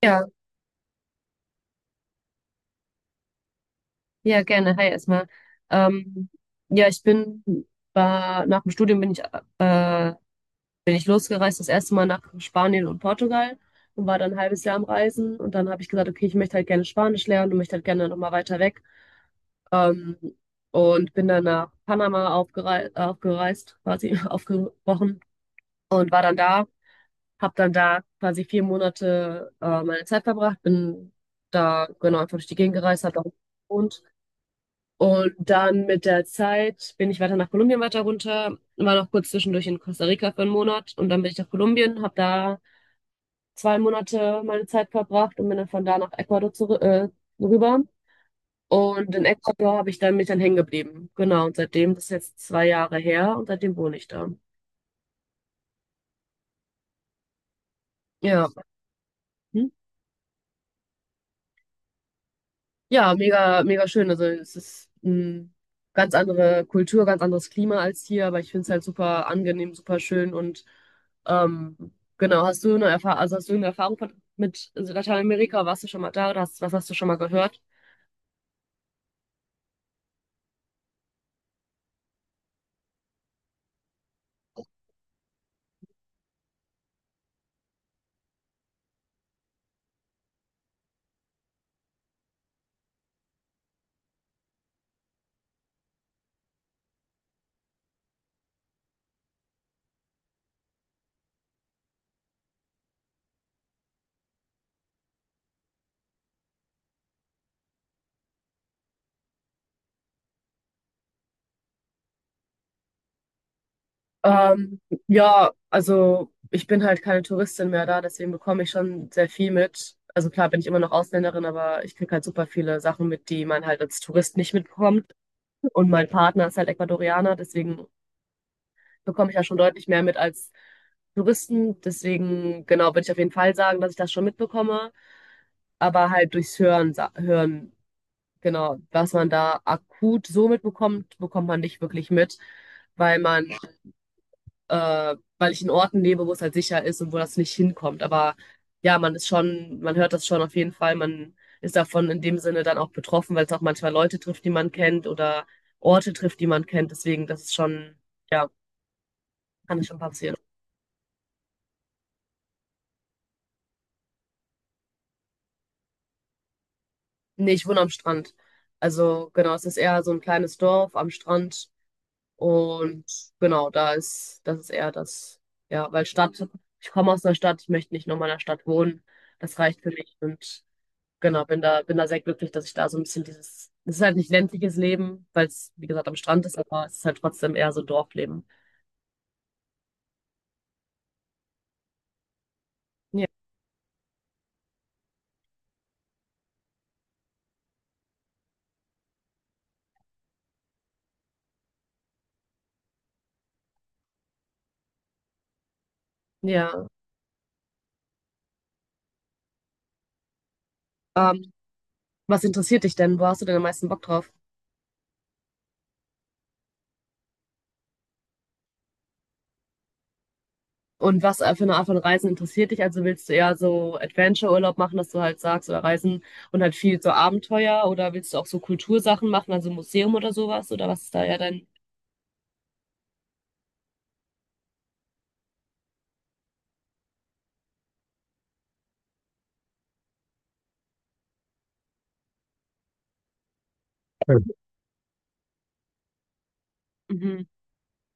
Ja, ja, gerne. Hi erstmal. Ähm, ja, nach dem Studium äh, bin ich losgereist, das erste Mal nach Spanien und Portugal und war dann ein halbes Jahr am Reisen und dann habe ich gesagt, okay, ich möchte halt gerne Spanisch lernen und möchte halt gerne nochmal weiter weg. Ähm, und bin dann nach Panama quasi aufgebrochen und war dann da, habe dann da quasi vier Monate meine Zeit verbracht, bin da genau einfach durch die Gegend gereist, habe da gewohnt. Und dann mit der Zeit bin ich weiter nach Kolumbien weiter runter, war noch kurz zwischendurch in Costa Rica für einen Monat und dann bin ich nach Kolumbien, habe da zwei Monate meine Zeit verbracht und bin dann von da nach Ecuador zurück, rüber. Und in Ecuador habe ich dann mich dann hängen geblieben. Genau, und seitdem, das ist jetzt zwei Jahre her und seitdem wohne ich da. Ja. Hm? Ja, mega, mega schön. Also es ist eine ganz andere Kultur, ganz anderes Klima als hier, aber ich finde es halt super angenehm, super schön und ähm, genau, hast du eine Erfahrung, also hast du eine Erfahrung mit Lateinamerika? Warst du schon mal da oder was hast du schon mal gehört? Ähm, ja, also ich bin halt keine Touristin mehr da, deswegen bekomme ich schon sehr viel mit. Also klar bin ich immer noch Ausländerin, aber ich kriege halt super viele Sachen mit, die man halt als Tourist nicht mitbekommt. Und mein Partner ist halt Ecuadorianer, deswegen bekomme ich ja schon deutlich mehr mit als Touristen. Deswegen, genau, würde ich auf jeden Fall sagen, dass ich das schon mitbekomme. Aber halt durchs Hören, hören, genau, was man da akut so mitbekommt, bekommt man nicht wirklich mit, weil man, weil ich in Orten lebe, wo es halt sicher ist und wo das nicht hinkommt. Aber ja, man hört das schon auf jeden Fall. Man ist davon in dem Sinne dann auch betroffen, weil es auch manchmal Leute trifft, die man kennt oder Orte trifft, die man kennt. Deswegen, das ist schon, ja, kann es schon passieren. Nee, ich wohne am Strand. Also genau, es ist eher so ein kleines Dorf am Strand und genau, das ist eher das, ja, ich komme aus einer Stadt, ich möchte nicht nochmal in einer Stadt wohnen. Das reicht für mich und genau, bin da sehr glücklich, dass ich da so ein bisschen es ist halt nicht ländliches Leben, weil es, wie gesagt, am Strand ist, aber es ist halt trotzdem eher so Dorfleben. Ja. Ja. Ähm, Was interessiert dich denn? Wo hast du denn am meisten Bock drauf? Und was für eine Art von Reisen interessiert dich? Also willst du eher so Adventure-Urlaub machen, dass du halt sagst, oder Reisen und halt viel so Abenteuer? Oder willst du auch so Kultursachen machen, also Museum oder sowas? Oder was ist da eher dein. Mhm.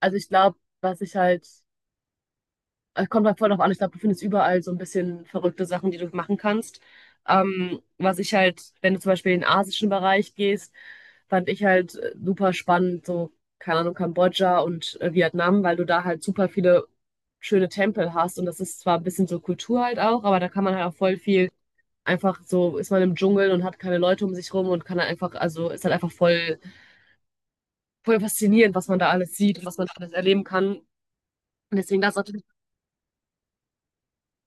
Also ich glaube, was ich halt es kommt halt voll drauf an. Ich glaube, du findest überall so ein bisschen verrückte Sachen, die du machen kannst. Wenn du zum Beispiel in den asischen Bereich gehst, fand ich halt super spannend, so, keine Ahnung, Kambodscha und Vietnam, weil du da halt super viele schöne Tempel hast. Und das ist zwar ein bisschen so Kultur halt auch, aber da kann man halt auch voll viel einfach so, ist man im Dschungel und hat keine Leute um sich rum und kann halt einfach, also ist halt einfach voll, voll faszinierend, was man da alles sieht und was man da alles erleben kann. Und deswegen das natürlich,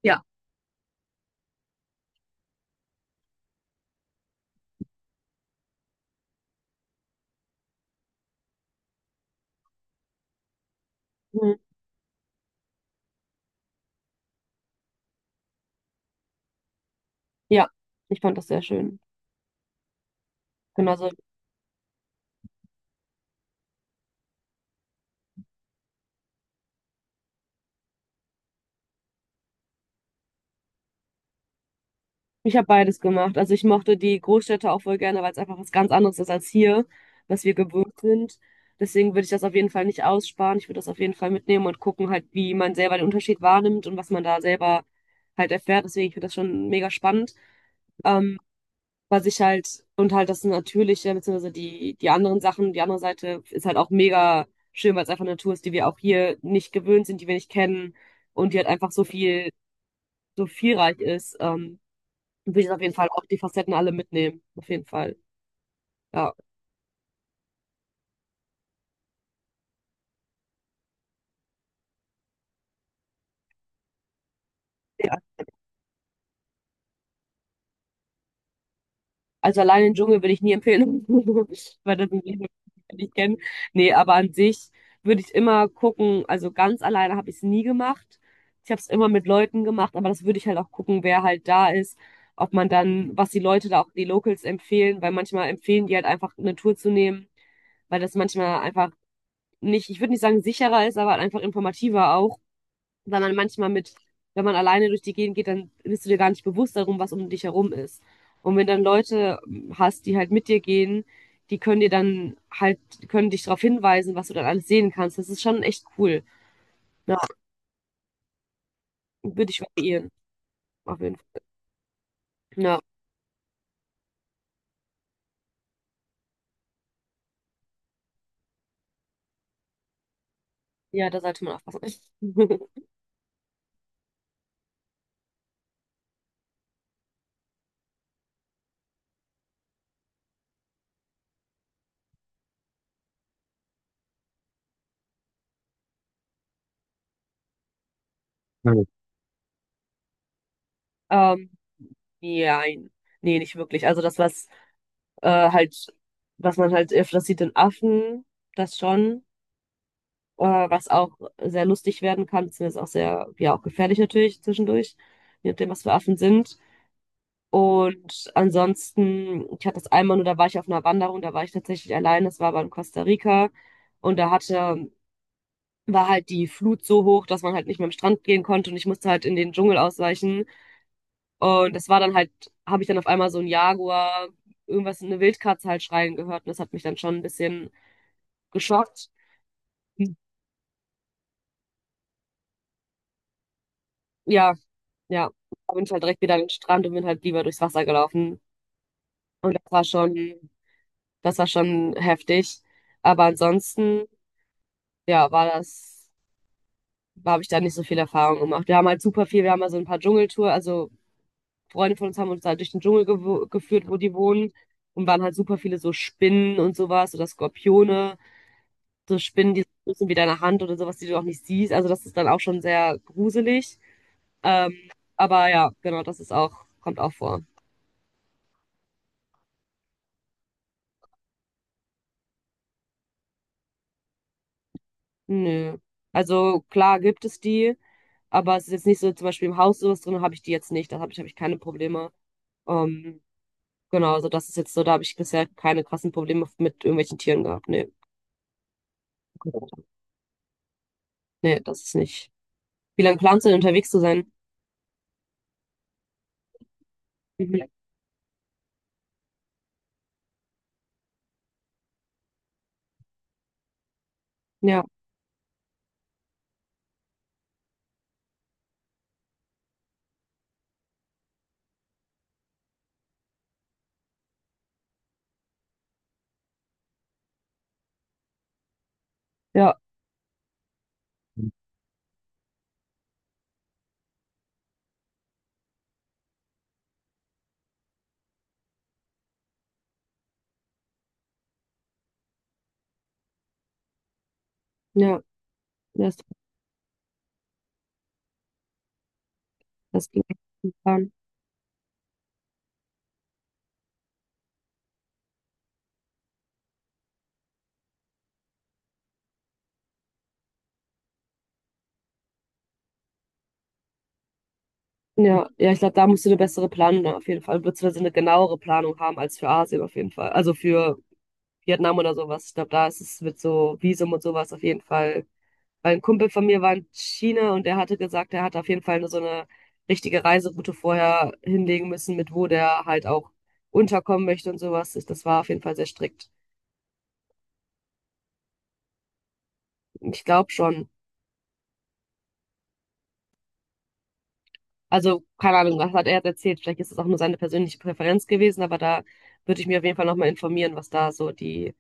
ja. Ja, ich fand das sehr schön. Genau, also ich habe beides gemacht. Also ich mochte die Großstädte auch voll gerne, weil es einfach was ganz anderes ist als hier, was wir gewohnt sind. Deswegen würde ich das auf jeden Fall nicht aussparen. Ich würde das auf jeden Fall mitnehmen und gucken halt, wie man selber den Unterschied wahrnimmt und was man da selber halt erfährt. Deswegen, ich finde das schon mega spannend. Ähm, und halt das Natürliche, beziehungsweise die anderen Sachen, die andere Seite ist halt auch mega schön, weil es einfach eine Natur ist, die wir auch hier nicht gewöhnt sind, die wir nicht kennen und die halt einfach so viel so vielreich ist, will ich auf jeden Fall auch die Facetten alle mitnehmen. Auf jeden Fall. Ja. Ja. Also allein den Dschungel würde ich nie empfehlen, weil das ein Leben, das ich nicht kenne. Nee, aber an sich würde ich immer gucken, also ganz alleine habe ich es nie gemacht. Ich habe es immer mit Leuten gemacht, aber das würde ich halt auch gucken, wer halt da ist, ob man dann, was die Leute da auch, die Locals empfehlen, weil manchmal empfehlen die halt einfach eine Tour zu nehmen, weil das manchmal einfach nicht, ich würde nicht sagen sicherer ist, aber halt einfach informativer auch. Weil man manchmal mit, wenn man alleine durch die Gegend geht, dann bist du dir gar nicht bewusst darum, was um dich herum ist. Und wenn dann Leute hast, die halt mit dir gehen, die können dir dann halt, können dich darauf hinweisen, was du dann alles sehen kannst. Das ist schon echt cool. Ja, würde ich variieren, auf jeden Fall. Ja, ja, da sollte man aufpassen. Ähm, nein. Nee, nicht wirklich. Also das, was halt, was man halt öfters sieht in Affen, das schon. äh, was auch sehr lustig werden kann, beziehungsweise auch sehr, ja, auch gefährlich natürlich zwischendurch, je nachdem, was für Affen sind. Und ansonsten, ich hatte das einmal nur, da war ich auf einer Wanderung, da war ich tatsächlich allein, das war aber in Costa Rica und war halt die Flut so hoch, dass man halt nicht mehr am Strand gehen konnte und ich musste halt in den Dschungel ausweichen. Und das war dann halt, habe ich dann auf einmal so ein Jaguar, irgendwas, eine Wildkatze halt schreien gehört und das hat mich dann schon ein bisschen geschockt. Hm, ja, ja, da bin ich halt direkt wieder an den Strand und bin halt lieber durchs Wasser gelaufen. Und das war schon heftig. Aber ansonsten, ja, habe ich da nicht so viel Erfahrung gemacht. Wir haben halt super viel, wir haben mal so ein paar Dschungeltour, also Freunde von uns haben uns halt durch den Dschungel geführt, wo die wohnen. Und waren halt super viele so Spinnen und sowas oder Skorpione, so Spinnen, die so groß sind wie deine Hand oder sowas, die du auch nicht siehst. Also das ist dann auch schon sehr gruselig. Ähm, aber ja, genau, das ist auch, kommt auch vor. Nö. Also klar gibt es die, aber es ist jetzt nicht so, zum Beispiel im Haus sowas drin habe ich die jetzt nicht. Da hab ich keine Probleme. Ähm, genau, also das ist jetzt so, da habe ich bisher keine krassen Probleme mit irgendwelchen Tieren gehabt. Nee. Nee, das ist nicht. Wie lange planst du denn unterwegs zu sein? Mhm. Ja, ja, ja. Das, das ging gut plan. Ja, ja, ich glaube, da musst du eine bessere Planung ne, auf jeden Fall, beziehungsweise eine genauere Planung haben als für Asien auf jeden Fall. Also für Vietnam oder sowas. Ich glaube, da ist es mit so Visum und sowas auf jeden Fall. Weil ein Kumpel von mir war in China und der hatte gesagt, er hat auf jeden Fall so eine richtige Reiseroute vorher hinlegen müssen, mit wo der halt auch unterkommen möchte und sowas. Das war auf jeden Fall sehr strikt. Ich glaube schon. Also, keine Ahnung, was hat er erzählt? Vielleicht ist es auch nur seine persönliche Präferenz gewesen, aber da würde ich mir auf jeden Fall nochmal informieren, was da so die,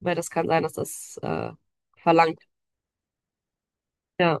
weil das kann sein, dass das verlangt. Ja.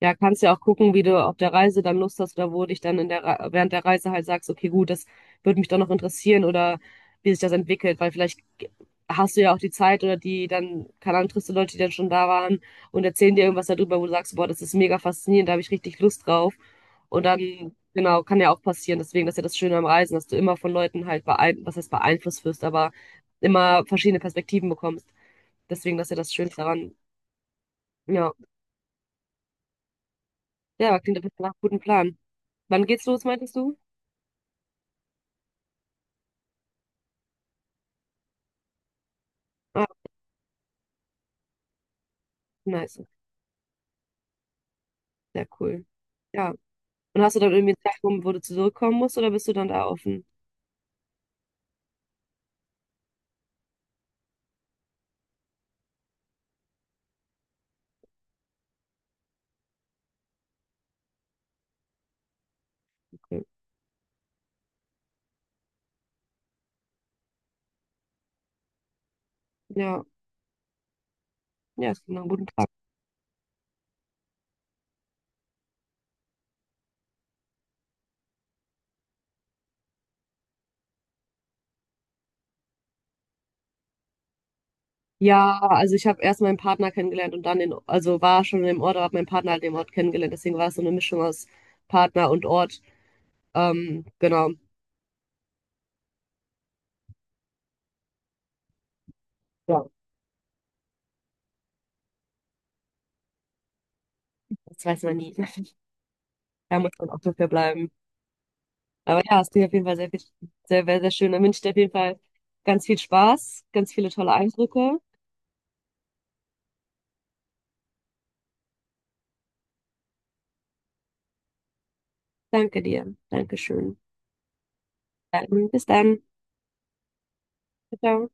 Ja, kannst ja auch gucken, wie du auf der Reise dann Lust hast oder wo dich dann während der Reise halt sagst, okay, gut, das würde mich doch noch interessieren oder wie sich das entwickelt, weil vielleicht hast du ja auch die Zeit oder die dann, keine Ahnung, triffst du Leute, die dann schon da waren und erzählen dir irgendwas darüber, wo du sagst, boah, das ist mega faszinierend, da habe ich richtig Lust drauf. Und dann, genau, kann ja auch passieren. Deswegen, das ist ja das Schöne am Reisen, dass du immer von Leuten halt was heißt beeinflusst wirst, aber immer verschiedene Perspektiven bekommst. Deswegen, das ist ja das Schönste daran. Ja. Ja, aber klingt auf jeden Fall nach einem guten Plan. Wann geht's los, meintest du? Ah, nice. Sehr cool. Ja. Und hast du dann irgendwie einen Zeitraum, wo du zurückkommen musst, oder bist du dann da offen? Okay. Ja, ja, es klingt nach einem guten Plan. Ja, also ich habe erst meinen Partner kennengelernt und dann also war schon im Ort, aber habe meinen Partner halt den Ort kennengelernt. Deswegen war es so eine Mischung aus Partner und Ort. Genau. Ja, das weiß man nie. Da muss man auch dafür bleiben. Aber ja, es klingt auf jeden Fall sehr, sehr, sehr, sehr schön. Dann wünsche ich dir auf jeden Fall ganz viel Spaß, ganz viele tolle Eindrücke. Danke dir. Dankeschön. Dann, bis dann. Ciao. Ciao.